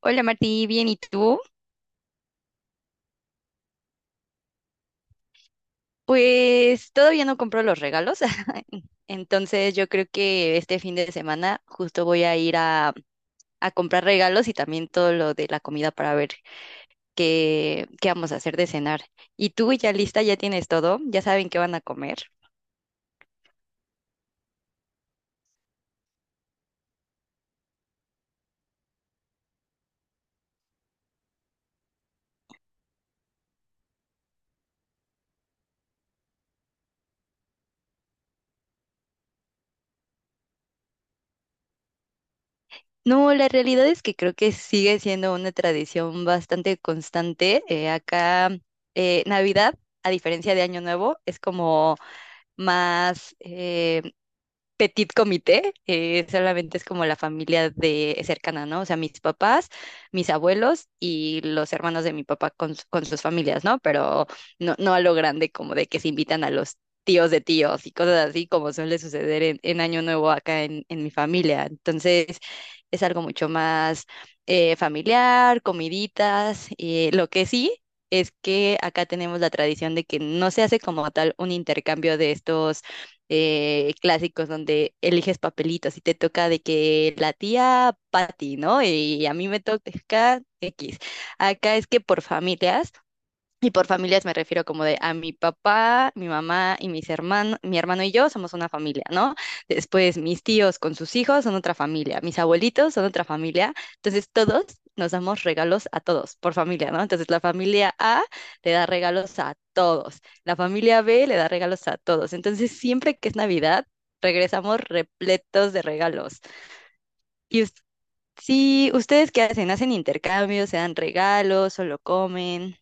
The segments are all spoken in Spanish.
Hola Martí, bien, ¿y tú? Pues todavía no compro los regalos, entonces yo creo que este fin de semana justo voy a ir a comprar regalos y también todo lo de la comida para ver qué vamos a hacer de cenar. ¿Y tú ya lista? ¿Ya tienes todo? ¿Ya saben qué van a comer? No, la realidad es que creo que sigue siendo una tradición bastante constante. Acá, Navidad, a diferencia de Año Nuevo, es como más petit comité, solamente es como la familia de cercana, ¿no? O sea, mis papás, mis abuelos y los hermanos de mi papá con sus familias, ¿no? Pero no, no a lo grande como de que se invitan a los tíos de tíos y cosas así como suele suceder en Año Nuevo acá en mi familia. Entonces, es algo mucho más familiar, comiditas, lo que sí. Es que acá tenemos la tradición de que no se hace como tal un intercambio de estos clásicos donde eliges papelitos y te toca de que la tía Patty, ¿no? Y a mí me toca X. Acá es que por familias, y por familias me refiero como de a mi papá, mi mamá y mis hermanos, mi hermano y yo somos una familia, ¿no? Después mis tíos con sus hijos son otra familia, mis abuelitos son otra familia. Entonces todos nos damos regalos a todos por familia, ¿no? Entonces la familia A le da regalos a todos, la familia B le da regalos a todos. Entonces siempre que es Navidad, regresamos repletos de regalos. Y us- sí, ¿ustedes qué hacen? ¿Hacen intercambios? ¿Se dan regalos? ¿Solo comen?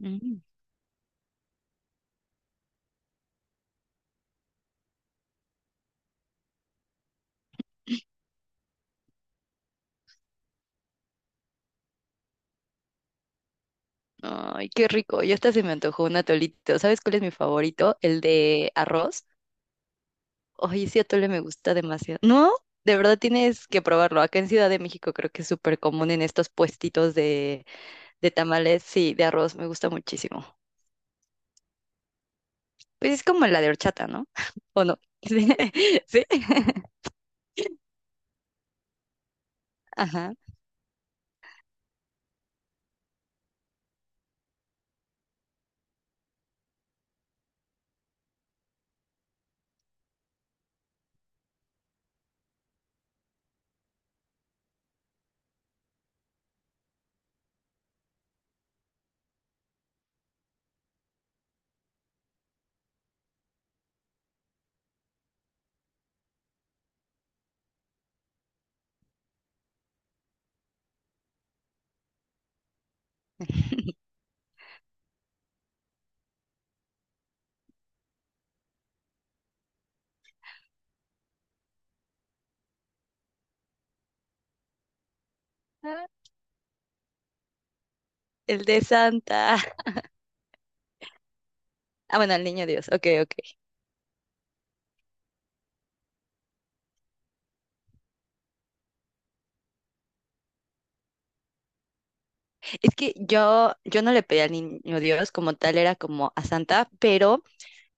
Mm. Ay, qué rico. Ya hasta se me antojó un atolito. ¿Sabes cuál es mi favorito? El de arroz. Ay, ese atole me gusta demasiado. No, de verdad tienes que probarlo. Acá en Ciudad de México creo que es súper común en estos puestitos de tamales. Sí, de arroz me gusta muchísimo. Pues es como la de horchata, ¿no? ¿O no? Sí. Sí. Ajá. Ah, el de Santa. Ah, bueno, al niño Dios. Ok, ok. Es que yo no le pedí al niño Dios como tal, era como a Santa, pero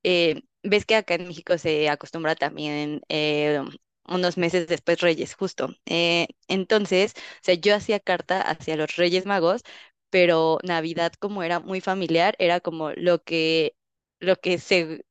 ves que acá en México se acostumbra también unos meses después Reyes, justo. Entonces, o sea, yo hacía carta hacia los Reyes Magos, pero Navidad, como era muy familiar, era como lo que se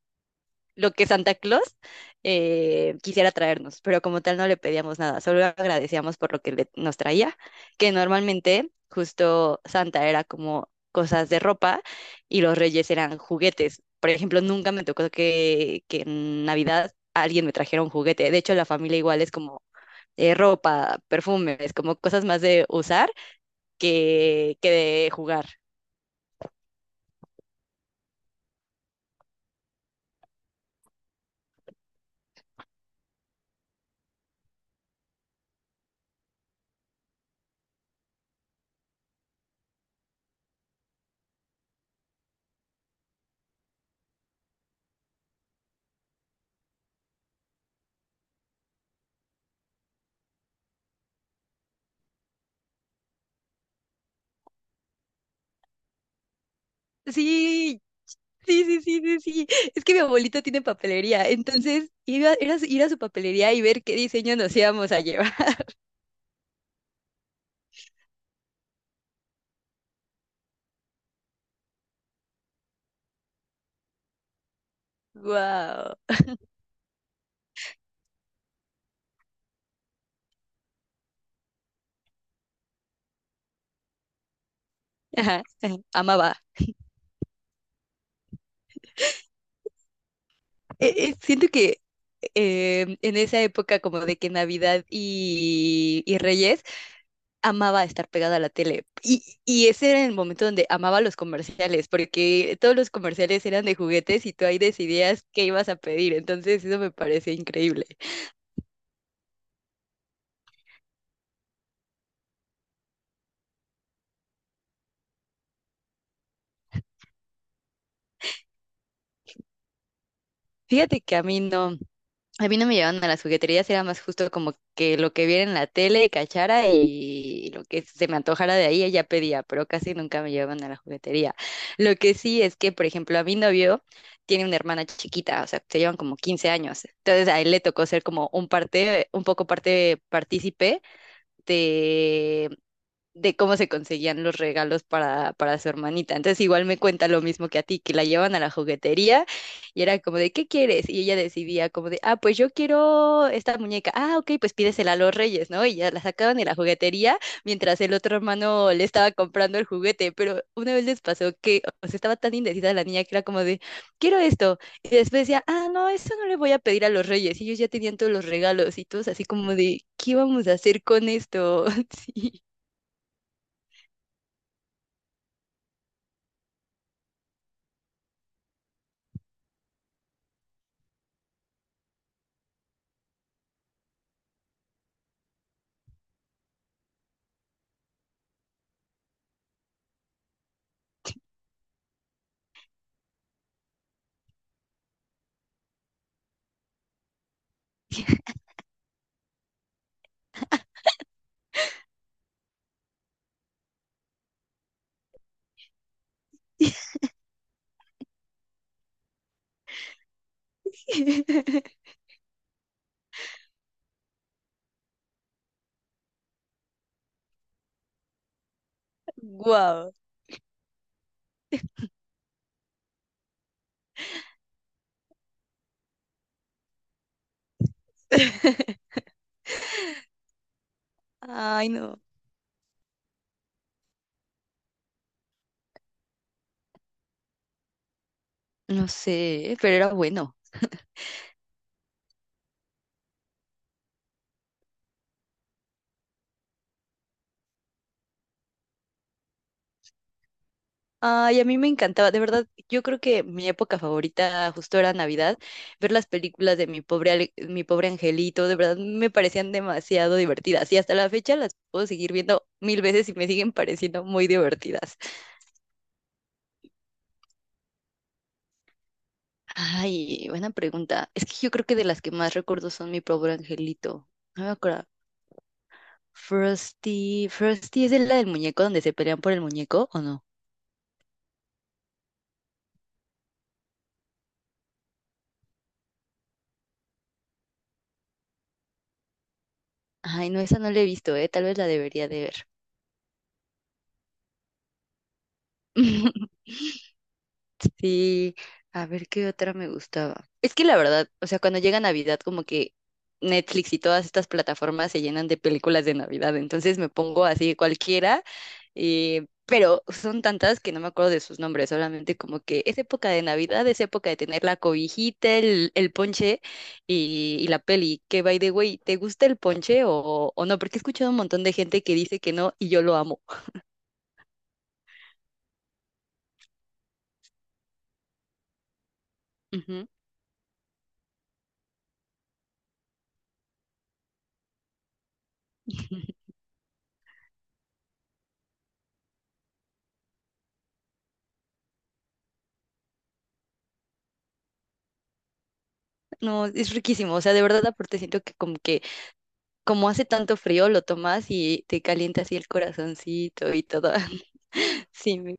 lo que Santa Claus quisiera traernos, pero como tal no le pedíamos nada, solo agradecíamos por lo que nos traía, que normalmente justo Santa era como cosas de ropa y los reyes eran juguetes. Por ejemplo, nunca me tocó que en Navidad alguien me trajera un juguete. De hecho, la familia igual es como ropa, perfumes, como cosas más de usar que de jugar. Sí, Sí, sí, sí, sí, sí. Es que mi abuelito tiene papelería, entonces iba, era ir a su papelería y ver qué diseño nos íbamos a llevar. Wow. Ajá, ajá, amaba. Siento que en esa época como de que Navidad y Reyes, amaba estar pegada a la tele. Y ese era el momento donde amaba los comerciales, porque todos los comerciales eran de juguetes y tú ahí decidías qué ibas a pedir. Entonces eso me parece increíble. Fíjate que a mí no. A mí no me llevaban a las jugueterías, era más justo como que lo que viera en la tele, cachara y lo que se me antojara de ahí, ella pedía, pero casi nunca me llevaban a la juguetería. Lo que sí es que, por ejemplo, a mi novio tiene una hermana chiquita, o sea, se llevan como 15 años. Entonces a él le tocó ser como un poco parte, partícipe de, de cómo se conseguían los regalos para su hermanita. Entonces igual me cuenta lo mismo que a ti, que la llevan a la juguetería y era como de, ¿qué quieres? Y ella decidía como de, ah, pues yo quiero esta muñeca. Ah, ok, pues pídesela a los reyes, ¿no? Y ya la sacaban de la juguetería mientras el otro hermano le estaba comprando el juguete. Pero una vez les pasó que, o sea, estaba tan indecisa la niña que era como de, quiero esto. Y después decía, ah, no, eso no le voy a pedir a los reyes. Y ellos ya tenían todos los regalos y todos así como de, ¿qué vamos a hacer con esto? Sí. Guau. Ay, no. No sé, pero era bueno. Ay, a mí me encantaba, de verdad, yo creo que mi época favorita justo era Navidad, ver las películas de Mi Pobre Angelito, de verdad me parecían demasiado divertidas y hasta la fecha las puedo seguir viendo mil veces y me siguen pareciendo muy divertidas. Ay, buena pregunta. Es que yo creo que de las que más recuerdo son Mi Pobre Angelito. No me acuerdo. Frosty, Frosty es la del muñeco donde se pelean por el muñeco, ¿o no? Ay, no, esa no la he visto, eh. Tal vez la debería de ver. Sí, a ver qué otra me gustaba. Es que la verdad, o sea, cuando llega Navidad, como que Netflix y todas estas plataformas se llenan de películas de Navidad, entonces me pongo así cualquiera, pero son tantas que no me acuerdo de sus nombres, solamente como que es época de Navidad, es época de tener la cobijita, el ponche y la peli. Que by the way, ¿te gusta el ponche o no? Porque he escuchado un montón de gente que dice que no y yo lo amo. Ujú. No, es riquísimo, o sea, de verdad aparte siento que como hace tanto frío lo tomas y te calienta así el corazoncito y todo. Sí,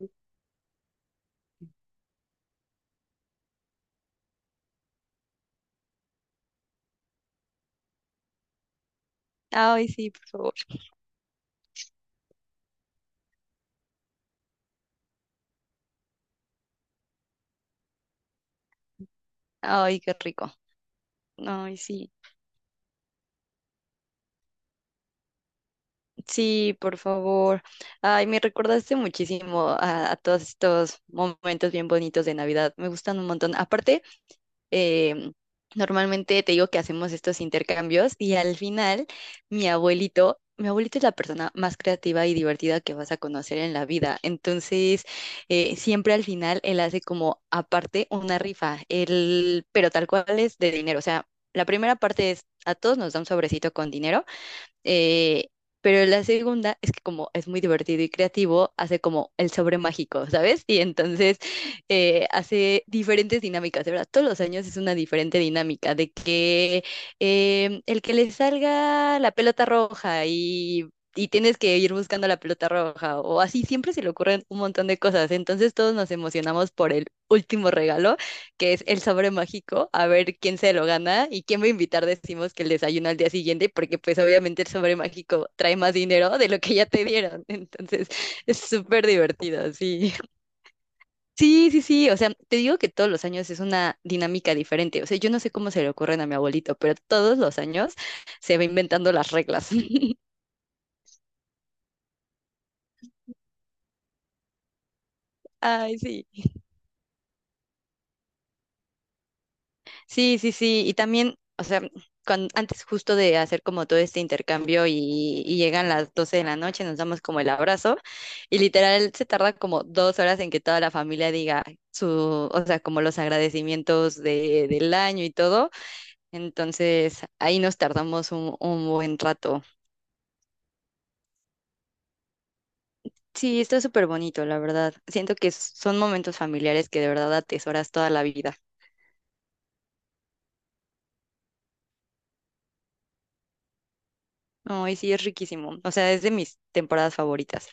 ay, sí, por favor. Ay, qué rico. Ay, sí. Sí, por favor. Ay, me recordaste muchísimo a todos estos momentos bien bonitos de Navidad. Me gustan un montón. Aparte, em, normalmente te digo que hacemos estos intercambios y al final mi abuelito es la persona más creativa y divertida que vas a conocer en la vida. Entonces, siempre al final él hace como aparte una rifa, él, pero tal cual es de dinero. O sea, la primera parte es a todos nos da un sobrecito con dinero. Eh, pero la segunda es que como es muy divertido y creativo, hace como el sobre mágico, ¿sabes? Y entonces hace diferentes dinámicas, de verdad, todos los años es una diferente dinámica, de que el que le salga la pelota roja Y tienes que ir buscando la pelota roja o así, siempre se le ocurren un montón de cosas. Entonces todos nos emocionamos por el último regalo que es el sobre mágico, a ver quién se lo gana y quién va a invitar, decimos que el desayuno al día siguiente, porque pues obviamente el sobre mágico trae más dinero de lo que ya te dieron. Entonces, es súper divertido, sí. Sí, sí, sí, o sea, te digo que todos los años es una dinámica diferente. O sea, yo no sé cómo se le ocurren a mi abuelito, pero todos los años se va inventando las reglas. Ay, sí. Sí, sí, sí. Y también, o sea, antes justo de hacer como todo este intercambio y llegan las 12 de la noche, nos damos como el abrazo y literal se tarda como 2 horas en que toda la familia diga su, o sea, como los agradecimientos del año y todo. Entonces, ahí nos tardamos un buen rato. Sí, está súper bonito, la verdad. Siento que son momentos familiares que de verdad atesoras toda la vida. No, y sí, es riquísimo. O sea, es de mis temporadas favoritas.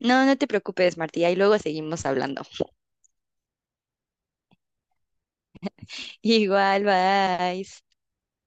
No, no te preocupes, Martí. Ahí luego seguimos hablando. Igual, bye.